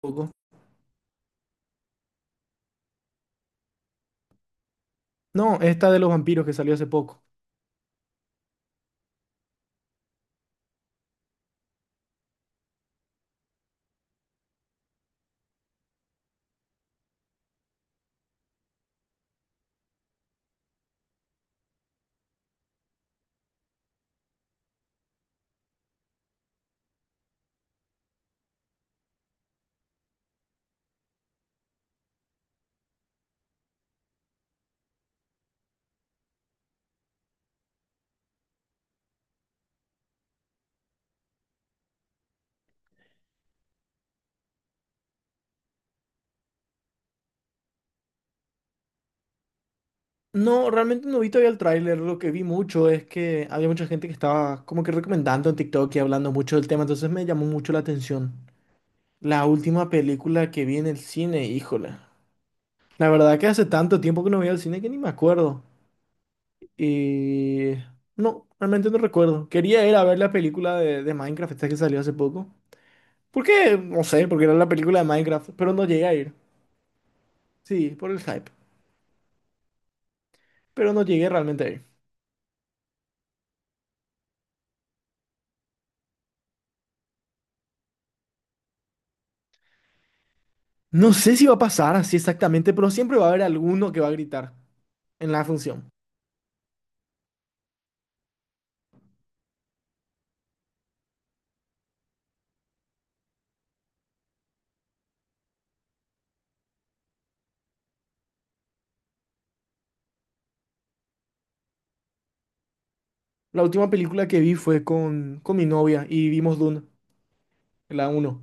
Poco. No, esta de los vampiros que salió hace poco. No, realmente no vi todavía el tráiler. Lo que vi mucho es que había mucha gente que estaba como que recomendando en TikTok y hablando mucho del tema, entonces me llamó mucho la atención. La última película que vi en el cine, híjole. La verdad que hace tanto tiempo que no voy al cine que ni me acuerdo. Y... No, realmente no recuerdo. Quería ir a ver la película de Minecraft, esta que salió hace poco. ¿Por qué? No sé, porque era la película de Minecraft, pero no llegué a ir. Sí, por el hype. Pero no llegué realmente a ir. No sé si va a pasar así exactamente, pero siempre va a haber alguno que va a gritar en la función. La última película que vi fue con mi novia y vimos Dune, la uno.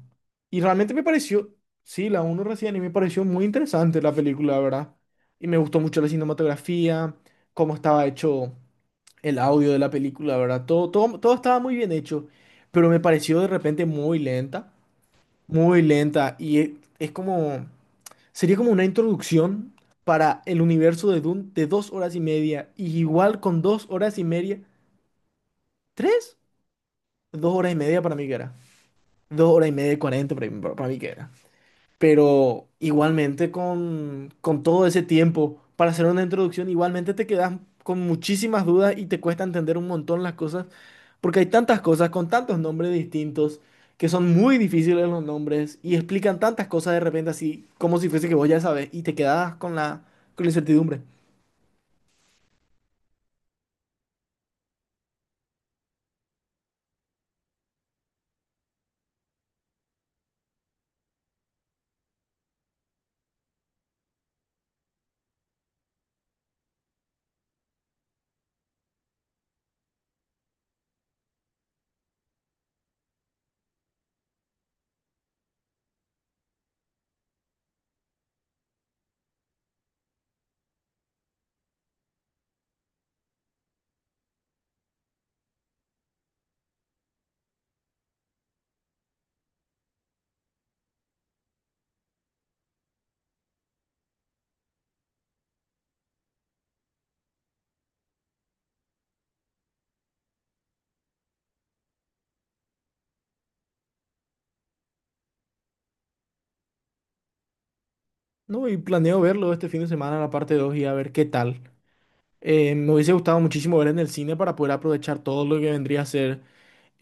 Y realmente me pareció, sí, la uno recién, y me pareció muy interesante la película, la ¿verdad? Y me gustó mucho la cinematografía, cómo estaba hecho el audio de la película, ¿verdad? Todo, todo, todo estaba muy bien hecho, pero me pareció de repente muy lenta, y es como... Sería como una introducción para el universo de Dune de 2 horas y media. Y igual con 2 horas y media. ¿Tres? 2 horas y media para mí que era. 2 horas y media y 40 para mí que era. Pero igualmente con todo ese tiempo para hacer una introducción, igualmente te quedas con muchísimas dudas y te cuesta entender un montón las cosas, porque hay tantas cosas con tantos nombres distintos que son muy difíciles los nombres y explican tantas cosas de repente así, como si fuese que vos ya sabes, y te quedas con la incertidumbre. No, y planeo verlo este fin de semana, la parte 2 y a ver qué tal. Me hubiese gustado muchísimo ver en el cine para poder aprovechar todo lo que vendría a ser.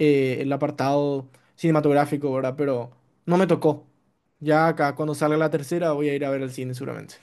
El apartado cinematográfico, ¿verdad? Pero no me tocó. Ya acá, cuando salga la tercera, voy a ir a ver el cine seguramente.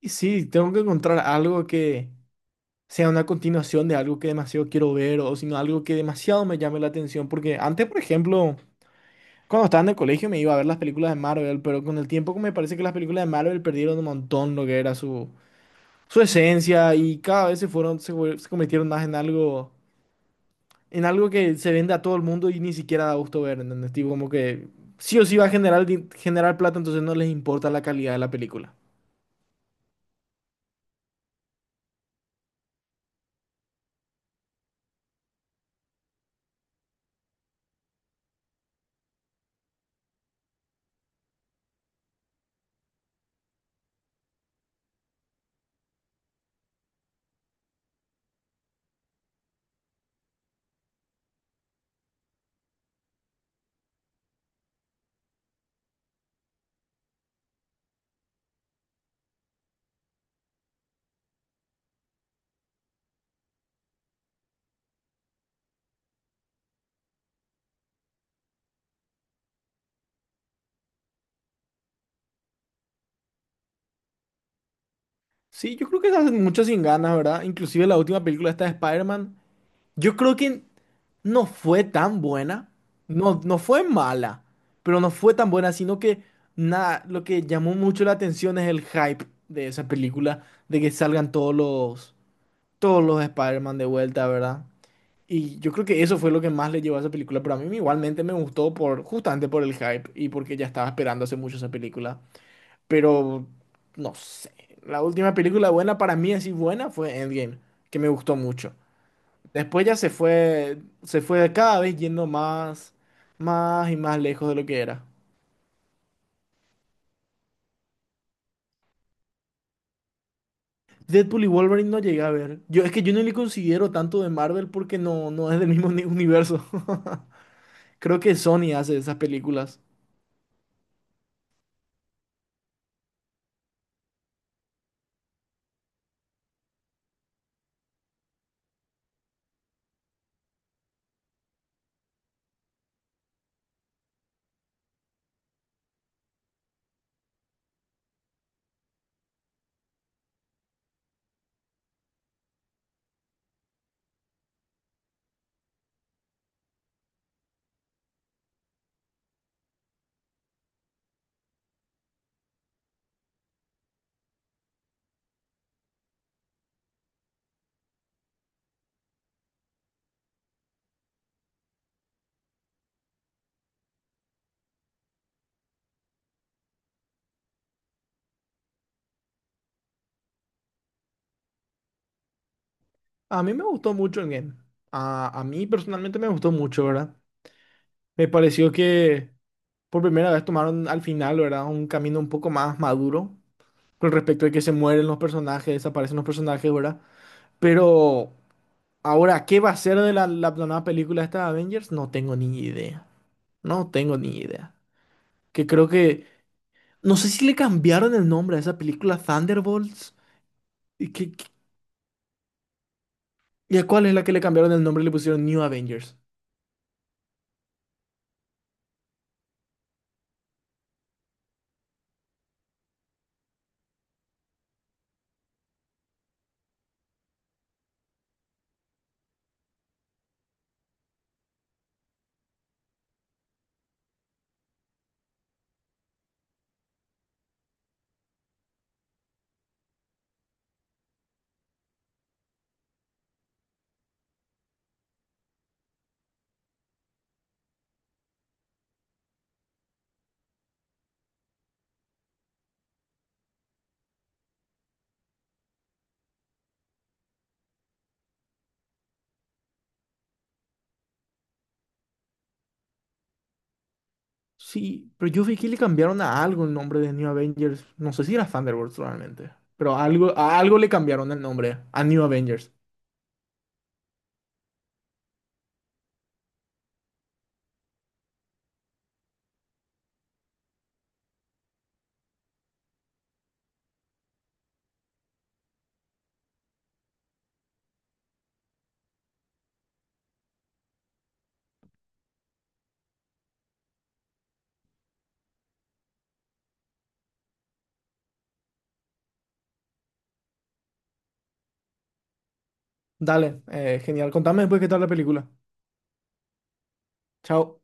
Y sí, tengo que encontrar algo que sea una continuación de algo que demasiado quiero ver o sino algo que demasiado me llame la atención. Porque antes, por ejemplo, cuando estaba en el colegio me iba a ver las películas de Marvel, pero con el tiempo me parece que las películas de Marvel perdieron un montón lo que era su esencia y cada vez se fueron, se, fue- se convirtieron más en algo. En algo que se vende a todo el mundo y ni siquiera da gusto ver, ¿entendés? Tipo, como que sí o sí va a generar, generar plata, entonces no les importa la calidad de la película. Sí, yo creo que se hacen mucho sin ganas, ¿verdad? Inclusive la última película esta de Spider-Man, yo creo que no fue tan buena, no, no fue mala, pero no fue tan buena, sino que nada, lo que llamó mucho la atención es el hype de esa película, de que salgan todos los Spider-Man de vuelta, ¿verdad? Y yo creo que eso fue lo que más le llevó a esa película, pero a mí igualmente me gustó por, justamente por el hype y porque ya estaba esperando hace mucho esa película. Pero, no sé, la última película buena para mí, así buena, fue Endgame, que me gustó mucho. Después ya se fue cada vez yendo más, más y más lejos de lo que era. Deadpool y Wolverine no llegué a ver. Yo, es que yo no le considero tanto de Marvel porque no, no es del mismo universo. Creo que Sony hace esas películas. A mí me gustó mucho el game. A mí personalmente me gustó mucho, ¿verdad? Me pareció que por primera vez tomaron al final, ¿verdad? Un camino un poco más maduro con respecto a que se mueren los personajes, desaparecen los personajes, ¿verdad? Pero ahora, ¿qué va a ser de la nueva película esta de Avengers? No tengo ni idea. No tengo ni idea. Que creo que... No sé si le cambiaron el nombre a esa película Thunderbolts. ¿Y, y a cuál es la que le cambiaron el nombre y le pusieron New Avengers? Sí, pero yo vi que le cambiaron a algo el nombre de New Avengers. No sé si era Thunderbolts realmente, pero algo, a algo le cambiaron el nombre, a New Avengers. Dale, genial. Contame después qué tal la película. Chao.